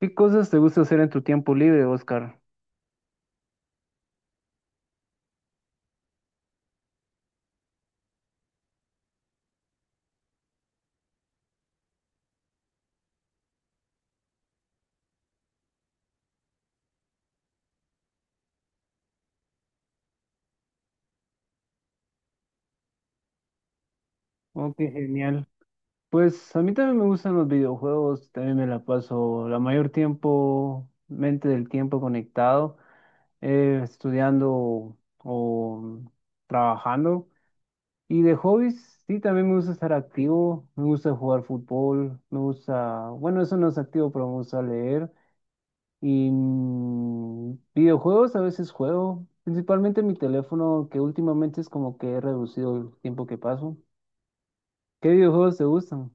¿Qué cosas te gusta hacer en tu tiempo libre, Oscar? Oh, qué genial. Pues a mí también me gustan los videojuegos, también me la paso la mayor tiempo, mente del tiempo conectado, estudiando o trabajando. Y de hobbies, sí, también me gusta estar activo, me gusta jugar fútbol, me gusta, bueno, eso no es activo, pero me gusta leer. Y videojuegos a veces juego, principalmente en mi teléfono, que últimamente es como que he reducido el tiempo que paso. ¿Qué videojuegos te gustan?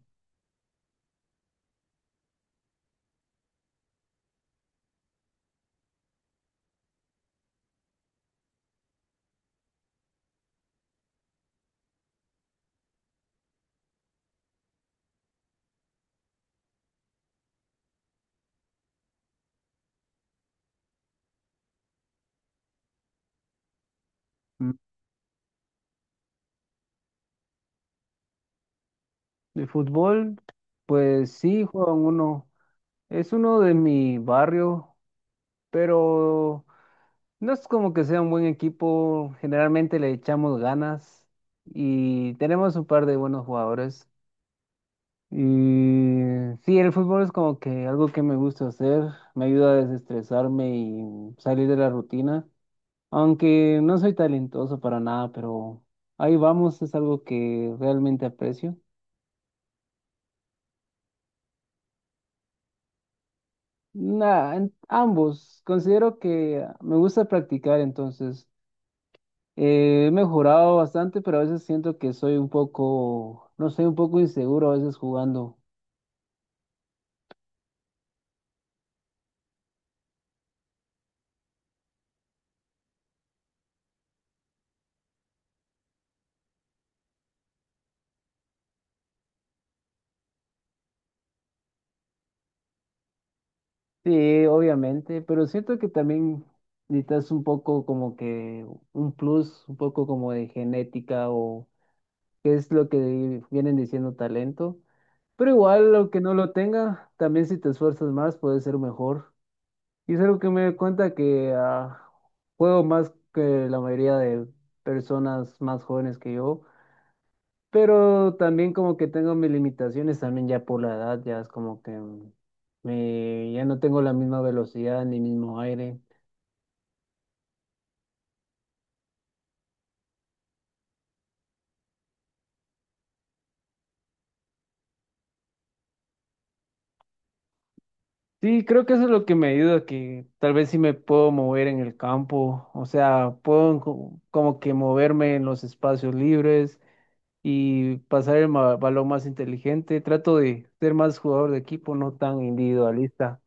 Mm. De fútbol, pues sí, juegan uno. Es uno de mi barrio, pero no es como que sea un buen equipo. Generalmente le echamos ganas y tenemos un par de buenos jugadores. Y sí, el fútbol es como que algo que me gusta hacer, me ayuda a desestresarme y salir de la rutina, aunque no soy talentoso para nada, pero ahí vamos, es algo que realmente aprecio. Nah, ambos, considero que me gusta practicar, entonces he mejorado bastante, pero a veces siento que soy un poco, no sé, un poco inseguro a veces jugando. Sí, obviamente, pero siento que también necesitas un poco como que un plus, un poco como de genética o qué es lo que vienen diciendo talento. Pero igual, aunque no lo tenga, también si te esfuerzas más, puedes ser mejor. Y es algo que me doy cuenta que juego más que la mayoría de personas más jóvenes que yo. Pero también como que tengo mis limitaciones, también ya por la edad, ya es como que ya no tengo la misma velocidad ni mismo aire. Sí, creo que eso es lo que me ayuda, que tal vez sí me puedo mover en el campo, o sea, puedo como que moverme en los espacios libres y pasar el balón más inteligente. Trato de ser más jugador de equipo, no tan individualista.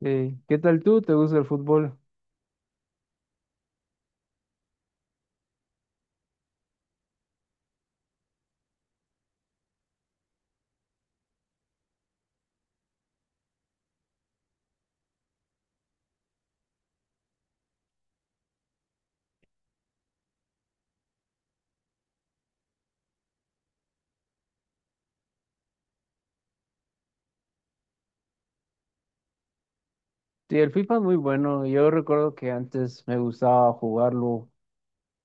¿Qué tal tú? ¿Te gusta el fútbol? Sí, el FIFA es muy bueno. Yo recuerdo que antes me gustaba jugarlo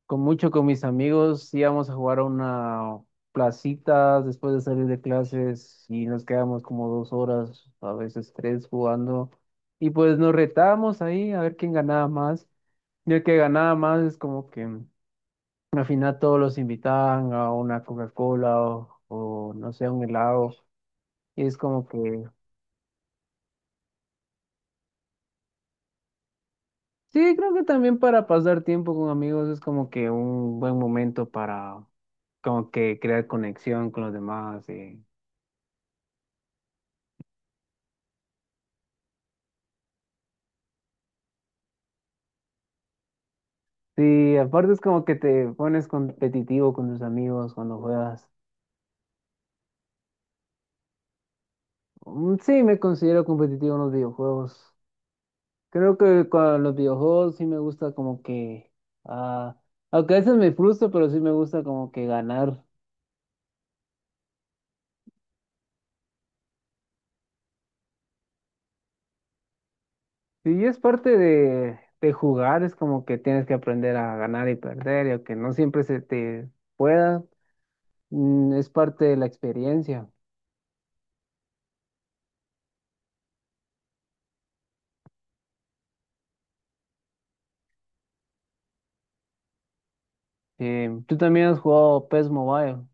con mis amigos. Íbamos a jugar a una placita después de salir de clases y nos quedábamos como 2 horas, a veces 3 jugando. Y pues nos retábamos ahí a ver quién ganaba más. Y el que ganaba más es como que al final todos los invitaban a una Coca-Cola o no sé, a un helado. Y es como que sí, creo que también para pasar tiempo con amigos es como que un buen momento para como que crear conexión con los demás. Y, sí, aparte es como que te pones competitivo con tus amigos cuando juegas. Mm, sí, me considero competitivo en los videojuegos. Creo que con los videojuegos sí me gusta como que, ah, aunque a veces me frustro, pero sí me gusta como que ganar. Sí, es parte de jugar, es como que tienes que aprender a ganar y perder, y aunque no siempre se te pueda, es parte de la experiencia. Tú también has jugado PES Mobile.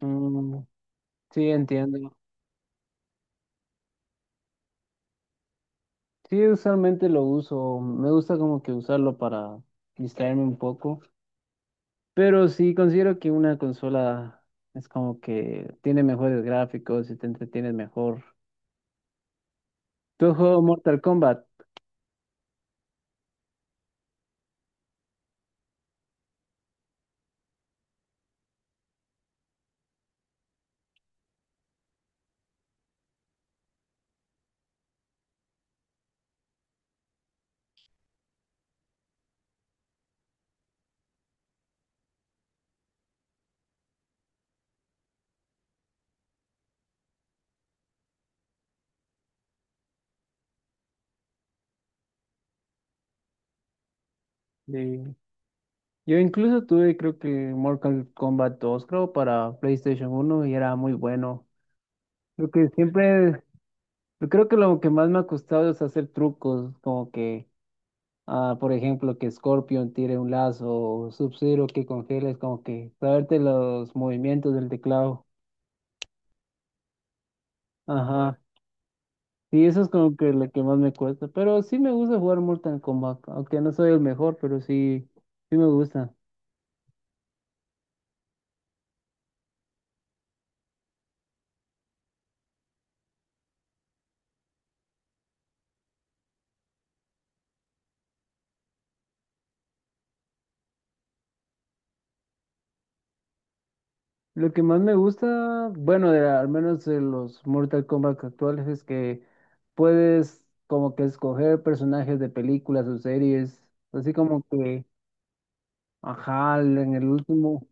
Mm, sí, entiendo. Sí, usualmente lo uso. Me gusta como que usarlo para distraerme un poco. Pero sí, considero que una consola es como que tiene mejores gráficos y te entretienes mejor. ¿Tú has jugado Mortal Kombat? Sí. Yo incluso tuve, creo que Mortal Kombat 2, creo, para PlayStation 1 y era muy bueno. Creo que siempre Yo creo que lo que más me ha costado es hacer trucos, como que, por ejemplo, que Scorpion tire un lazo o Sub-Zero que congeles, como que saberte los movimientos del teclado. Ajá. Y eso es como que lo que más me cuesta. Pero sí me gusta jugar Mortal Kombat, aunque no soy el mejor, pero sí, sí me gusta. Lo que más me gusta, bueno, de, al menos de los Mortal Kombat actuales, es que puedes como que escoger personajes de películas o series, así como que... Ajá, en el último.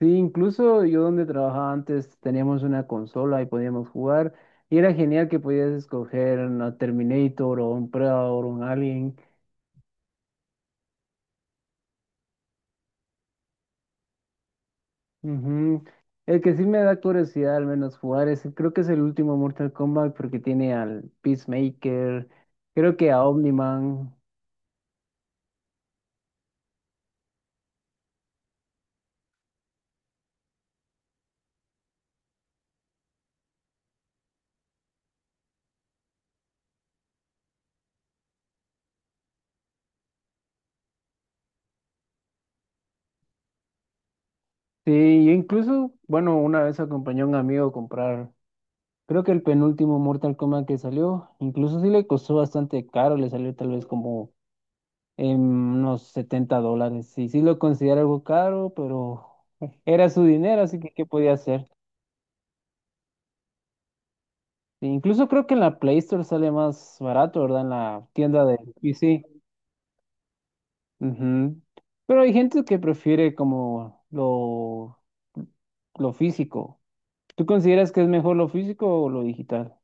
Sí, incluso yo donde trabajaba antes teníamos una consola y podíamos jugar. Y era genial que podías escoger a Terminator o un Predator o un Alien. Ujú. El que sí me da curiosidad al menos jugar es, creo que es el último Mortal Kombat porque tiene al Peacemaker, creo que a Omniman. Sí, yo incluso, bueno, una vez acompañé a un amigo a comprar, creo que el penúltimo Mortal Kombat que salió, incluso sí le costó bastante caro, le salió tal vez como en unos $70. Sí, sí lo considero algo caro, pero era su dinero, así que ¿qué podía hacer? E incluso creo que en la Play Store sale más barato, ¿verdad? En la tienda de PC. Ujú. Pero hay gente que prefiere como lo físico. ¿Tú consideras que es mejor lo físico o lo digital?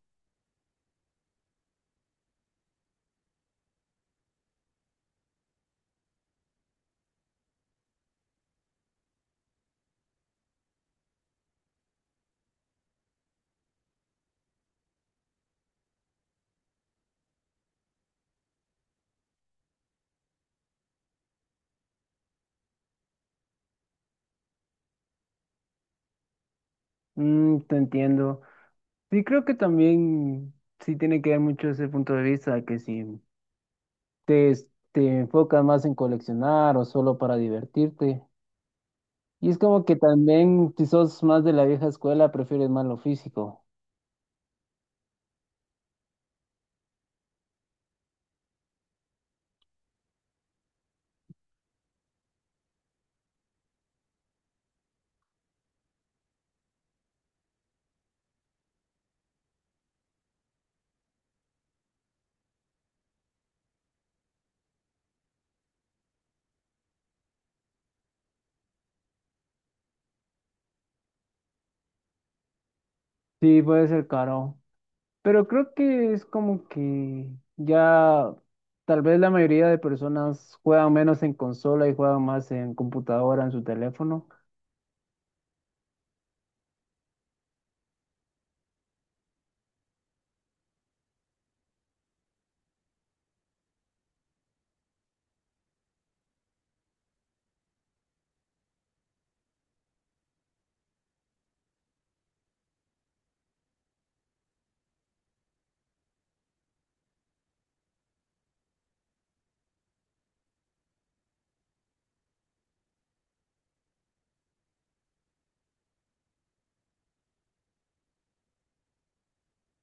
Te entiendo. Sí, creo que también sí tiene que ver mucho ese punto de vista, que sí. Te enfocas más en coleccionar o solo para divertirte. Y es como que también, si sos más de la vieja escuela, prefieres más lo físico. Sí, puede ser caro. Pero creo que es como que ya tal vez la mayoría de personas juegan menos en consola y juegan más en computadora, en su teléfono.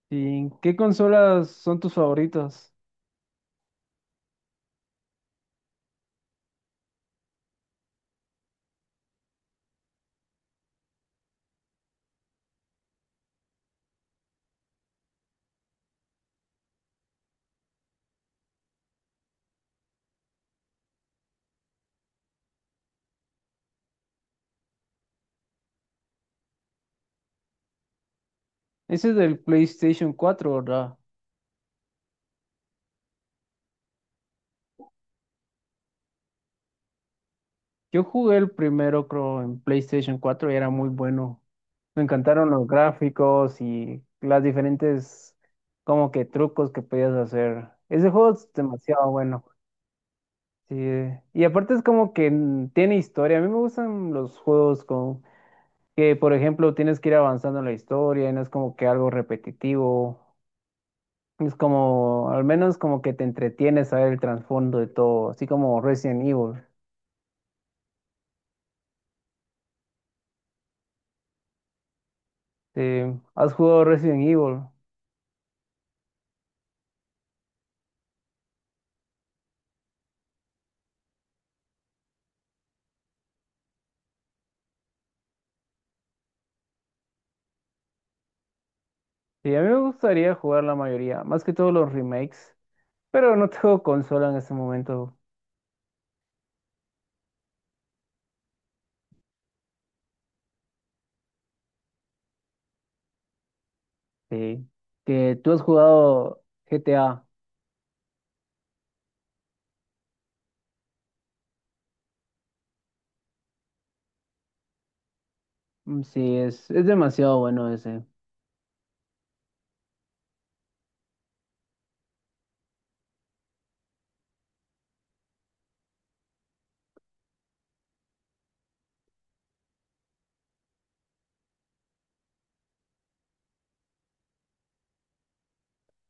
¿Y qué consolas son tus favoritas? Ese es del PlayStation 4, ¿verdad? Yo jugué el primero, creo, en PlayStation 4 y era muy bueno. Me encantaron los gráficos y las diferentes como que trucos que podías hacer. Ese juego es demasiado bueno. Sí. Y aparte es como que tiene historia. A mí me gustan los juegos con que, por ejemplo, tienes que ir avanzando en la historia y no es como que algo repetitivo. Es como, al menos como que te entretienes a ver el trasfondo de todo, así como Resident Evil. Sí. ¿Has jugado Resident Evil? Sí, a mí me gustaría jugar la mayoría, más que todos los remakes. Pero no tengo consola en este momento. Sí. Que tú has jugado GTA. Mm, sí, es demasiado bueno ese.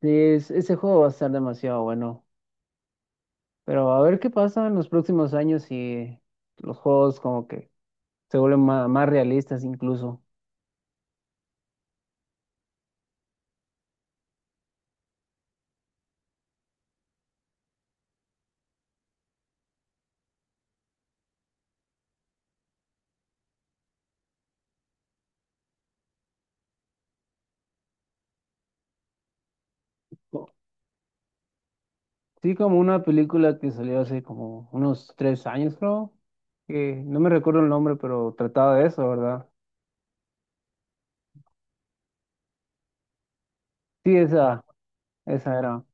Sí, ese juego va a estar demasiado bueno. Pero a ver qué pasa en los próximos años si los juegos como que se vuelven más realistas incluso. Co- Sí, como una película que salió hace como unos 3 años, creo. Que no me recuerdo el nombre, pero trataba de eso, ¿verdad? Sí, esa era.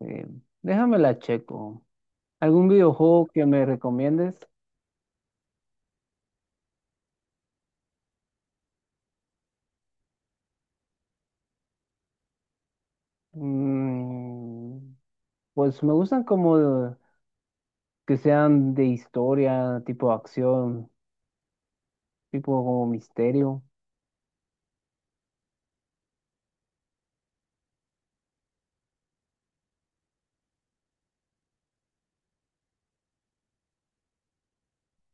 Eh, déjame la checo. ¿Algún videojuego que me recomiendes? Mm, pues me gustan como que sean de historia, tipo acción, tipo como misterio.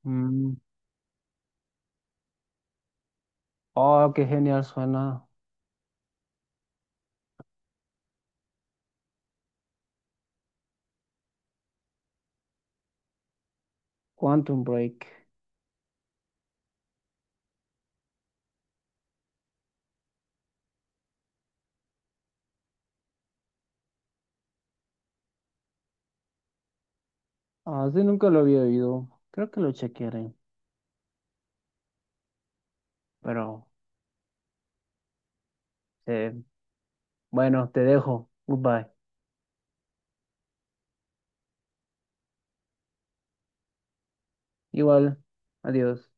Mm, oh, qué genial suena. Quantum Break. Ah, sí, nunca lo había oído. Creo que lo chequearé. Pero, eh, bueno, te dejo. Goodbye. Igual, adiós.